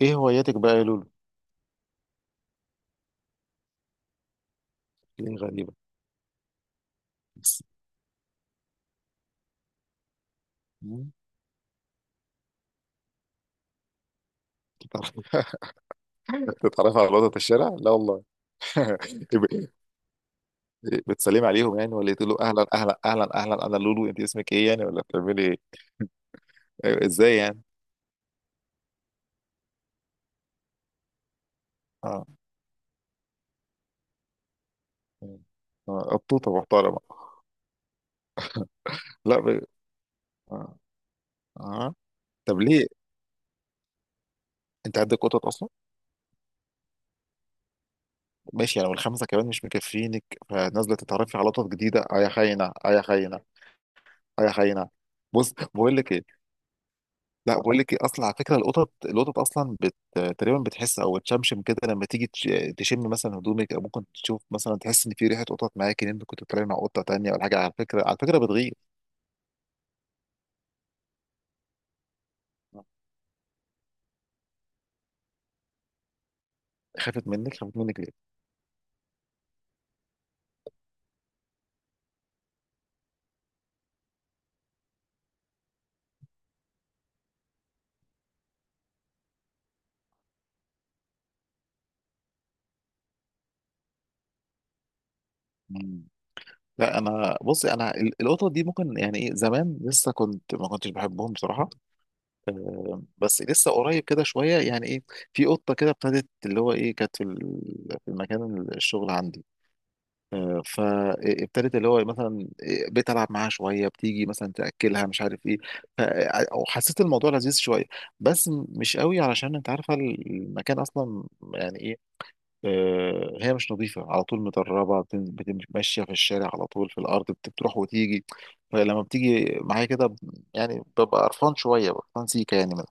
ايه هواياتك بقى يا لولو؟ ايه غريبة بس. مم، بتتعرف- بتتعرف على وضعة الشارع؟ لا والله. ب- بتسلمي عليهم يعني، ولا تقول له اهلا اهلا اهلا اهلا، انا لولو، انت اسمك ايه يعني، ولا بتعملي ايه؟ أيوة، ازاي يعني؟ اه. آه، قطوطة محترمة. لا ب... آه. آه. طب ليه؟ انت عندك قطط اصلا؟ ماشي يعني، والخمسة كمان مش مكفينك، فنازلة تتعرفي على قطط جديدة. اه يا خاينة، اه يا خاينة، اه يا خاينة. بص بقول لك ايه. لا بقول لك ايه، اصلا على فكره القطط القطط اصلا تقريبا بتحس او تشمشم كده لما تيجي تشم مثلا هدومك، او ممكن تشوف مثلا، تحس ان في ريحه قطط معاك، ان انت كنت بتتكلم مع قطه تانيه ولا حاجه. على فكره بتغير. خافت منك، خافت منك ليه؟ مم. لا انا، بصي انا القطط دي ممكن يعني ايه، زمان لسه كنت، ما كنتش بحبهم بصراحه. آه، بس لسه قريب كده شويه يعني ايه، في قطه كده ابتدت اللي هو ايه، كانت في في المكان الشغل عندي. آه، فابتدت اللي هو مثلا، بقيت العب معاها شويه، بتيجي مثلا تاكلها، مش عارف ايه. او حسيت الموضوع لذيذ شويه، بس مش قوي علشان انت عارفه المكان اصلا، يعني ايه. آه، هي مش نظيفه على طول، متربه، بتمشي في الشارع على طول في الارض، بتروح وتيجي، فلما بتيجي معايا كده يعني ببقى قرفان شويه، قرفان سيكه يعني منها،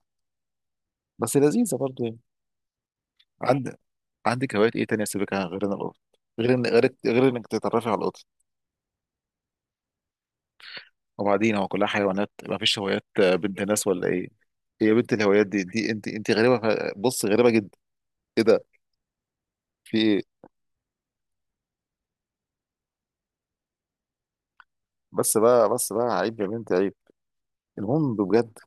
بس لذيذه برضه يعني. عندك عندك هوايات ايه تانية سيبك، غير إن القط، غير انك تتعرفي على القط، وبعدين هو كلها حيوانات، ما فيش هوايات بنت ناس ولا ايه؟ هي بنت الهوايات دي، انت غريبه، بص غريبه جدا. ايه ده، في ايه؟ بس بقى، بس بقى عيب يا بنت عيب. المهم بجد.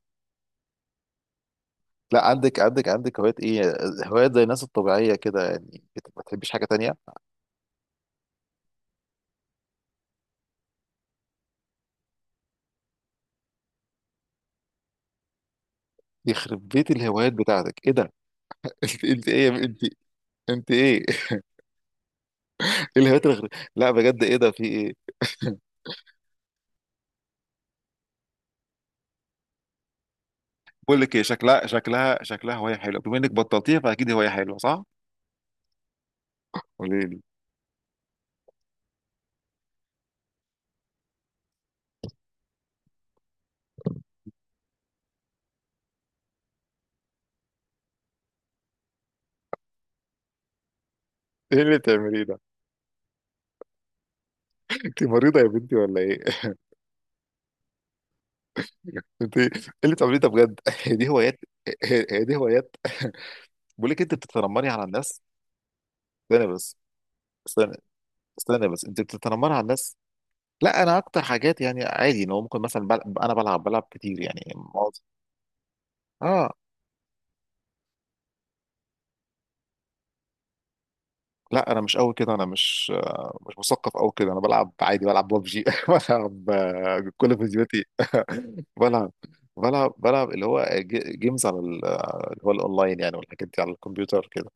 لا عندك، هوايات ايه، هوايات زي الناس الطبيعيه كده يعني، ما تحبيش حاجه تانية؟ يخرب بيت الهوايات بتاعتك، ايه ده؟ انت ايه انت، انت ايه؟ إيه الهوايات الغريبة؟ لا بجد ايه ده، في ايه؟ بقول لك ايه، شكلها هوايه حلوه، بما انك بطلتيها فاكيد هوايه حلوه، صح؟ قولي لي. ايه اللي بتعمليه ده؟ انت مريضة يا بنتي ولا ايه؟ انت ايه اللي بتعمليه ده بجد؟ هي دي هوايات. هي دي هوايات بقول لك انت بتتنمري على الناس. استنى بس. استنى استنى بس، انت بتتنمري على الناس. لا انا اكتر حاجات يعني عادي، ان هو ممكن مثلا انا بلعب، كتير يعني معظم. اه. لا انا مش قوي كده، انا مش مثقف قوي كده، انا بلعب عادي، بلعب ببجي بلعب كل فيديوهاتي، بلعب بلعب اللي هو جيمز على اللي هو الاونلاين يعني، والحاجات دي على الكمبيوتر كده،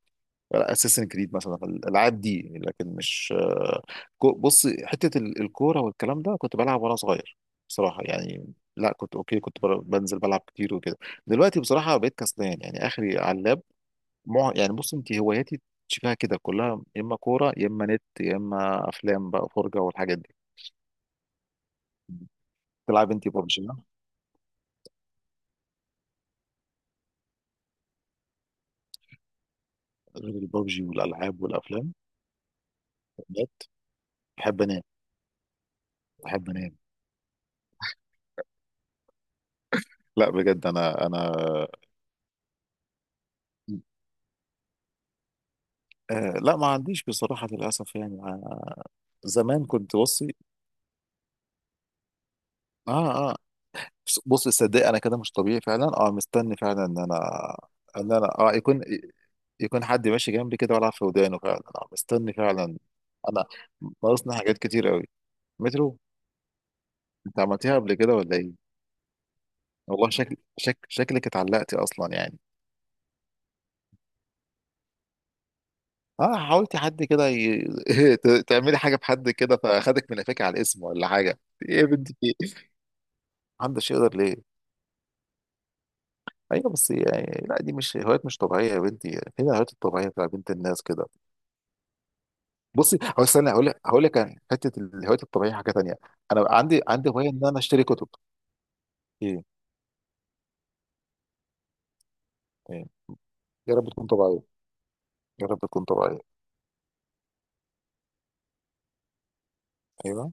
اساسن كريد مثلا الالعاب دي، لكن مش بص حته الكوره والكلام ده، كنت بلعب وانا صغير بصراحه يعني، لا كنت اوكي، كنت بنزل بلعب كتير وكده. دلوقتي بصراحه بقيت كسلان يعني، اخري على اللاب، مع... يعني بص، انت هواياتي شبه كده كلها، يا اما كوره، يا اما نت، يا اما افلام بقى فرجه والحاجات دي. تلعب انت ببجي. غير الببجي والالعاب والافلام. بحب انام، بحب انام. لا بجد انا لا ما عنديش بصراحة للأسف يعني، زمان كنت، بصي اه اه، بص بص، صدق انا كده مش طبيعي فعلا، اه مستني فعلا ان انا، اه يكون حد ماشي جنبي كده والعب في ودانه، فعلا اه مستني فعلا. انا ناقصني حاجات كتير قوي. مترو. انت عملتيها قبل كده ولا ايه؟ والله شكل شكلك اتعلقتي اصلا يعني. اه، حاولتي حد كده تعملي حاجه بحد كده، فاخدك من قفاك على الاسم ولا حاجه؟ ايه يا بنتي، في ايه؟ محدش يقدر ليه؟ ايوه بس يعني، لا دي مش هوايات، مش طبيعيه يا بنتي، فين الهوايات الطبيعيه بتاع بنت الناس كده. بصي هو استنى، هقول لك عن حته الهوايات الطبيعيه حاجه تانيه. انا عندي هوايه ان انا اشتري كتب. ايه؟ ايه؟ يا رب تكون طبيعيه، يا رب تكون طبيعيه. ايوه.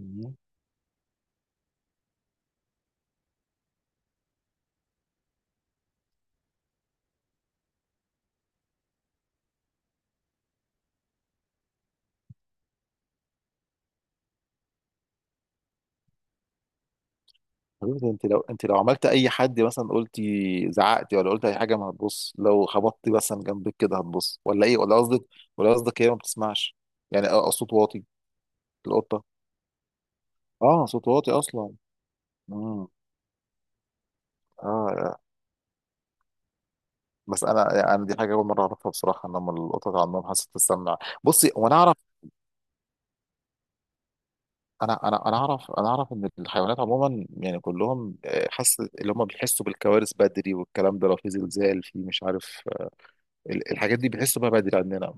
مم. حبيبتي انت لو، عملت اي حد مثلا، قلتي زعقتي ولا قلت اي حاجه، ما هتبص؟ لو خبطتي مثلا جنبك كده هتبص ولا ايه، ولا قصدك؟ ولا قصدك هي ما بتسمعش؟ يعني اه صوت واطي. القطه. اه صوت واطي اصلا. امم. اه بس انا، دي حاجه اول مره اعرفها بصراحه، ان هم القطط عندهم حاسه السمع. بصي هو انا اعرف، انا اعرف ان الحيوانات عموما يعني كلهم، حاسه اللي هم بيحسوا بالكوارث بدري والكلام ده، لو في زلزال في مش عارف، الحاجات دي بيحسوا بيها بدري عندنا،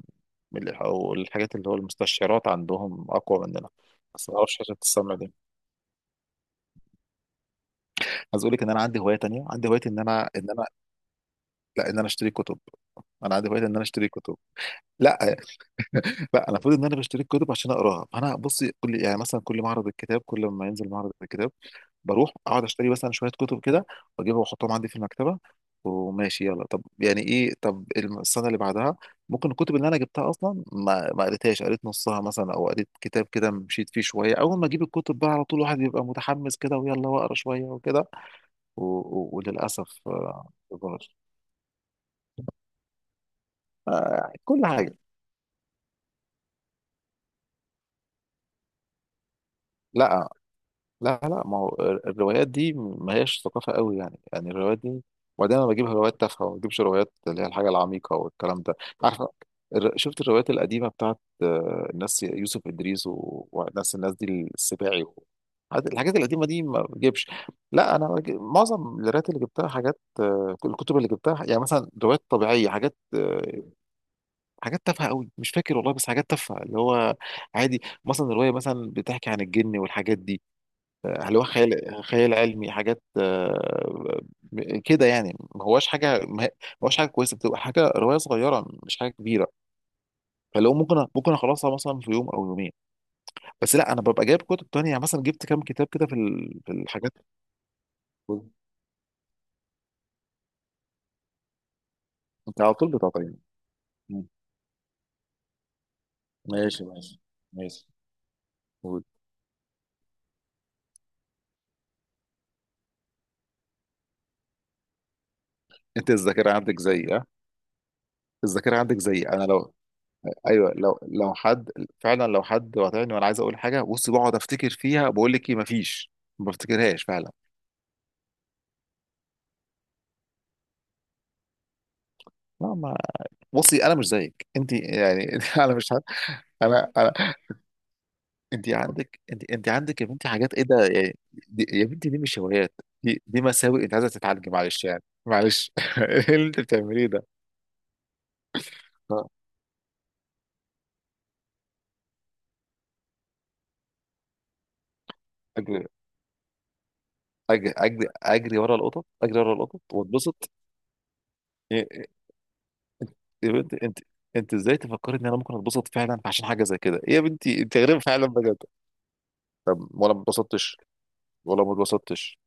ال- او الحاجات اللي هو المستشعرات عندهم اقوى مننا. بس ما اعرفش حاسه السمع دي. عايز اقول لك ان انا عندي هوايه تانيه، عندي هوايه ان انا لا ان انا اشتري كتب. انا عندي هوايه ان انا اشتري كتب. لا لا. انا المفروض ان انا بشتري الكتب عشان اقراها، فانا بصي كل يعني مثلا، كل معرض الكتاب، كل ما ينزل معرض الكتاب بروح اقعد اشتري مثلا شويه كتب كده، واجيبها واحطهم عندي في المكتبه، وماشي يلا، طب يعني ايه، طب السنه اللي بعدها ممكن الكتب اللي انا جبتها اصلا، ما قريتهاش، قريت نصها مثلا، او قريت كتاب كده مشيت فيه شويه، اول ما اجيب الكتب بقى على طول الواحد بيبقى متحمس كده ويلا واقرا شويه وكده، وللاسف ما بقراش. كل حاجه. لا لا لا، ما هو الروايات دي ما هيش ثقافة قوي يعني، الروايات دي، وبعدين انا بجيب روايات تافهة وما بجيبش روايات اللي هي الحاجة العميقة والكلام ده. عارف، شفت الروايات القديمة بتاعت الناس يوسف إدريس والناس دي السباعي، الحاجات القديمة دي ما بجيبش. لا انا معظم الروايات اللي جبتها حاجات، الكتب اللي جبتها يعني مثلا روايات طبيعية، حاجات حاجات تافهة قوي، مش فاكر والله، بس حاجات تافهة اللي هو عادي مثلا، رواية مثلا بتحكي عن الجن والحاجات دي، هل هو خيال علمي، حاجات كده يعني ما هواش حاجه ما هواش حاجه كويسه، بتبقى حاجه روايه صغيره مش حاجه كبيره، فلو ممكن اخلصها مثلا في يوم او يومين، بس لا انا ببقى جايب كتب تانية يعني، مثلا جبت كام كتاب كده في الحاجات. انت على طول بتعطيني. مم. ماشي ماشي ماشي. قول. انت الذاكره عندك زيي، ها. الذاكره عندك زيي انا، لو ايوه، لو حد، فعلا لو حد قاطعني وانا عايز اقول حاجه، بص بقعد افتكر فيها، بقول لك ايه، مفيش، ما بفتكرهاش فعلا. لا ما. بصي انا مش زيك انت يعني انا مش عارف، انا انت عندك، يا بنتي حاجات ايه ده يعني؟ دي يا بنتي دي مش هوايات، دي مساوئ، انت عايزه تتعالجي، معلش يعني معلش ايه اللي انت بتعمليه ده؟ آه، اجري اجري اجري اجري ورا القطط، اجري ورا القطط واتبسط. يا يا بنتي انت، انت ازاي تفكري ان انا ممكن اتبسط فعلا عشان حاجه زي كده؟ إيه يا بنتي، انت غريبه فعلا بجد. طب ولا ما اتبسطتش، ولا ما اتبسطتش.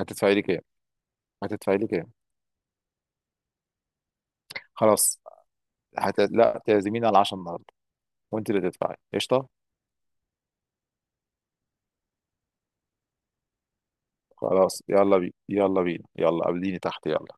هتدفعي لي كام، هتدفعي لي كام؟ خلاص. لا تعزميني على 10، وانت اللي تدفعي قشطه. خلاص يلا بينا، يلا بينا، يلا قابليني تحت، يلا.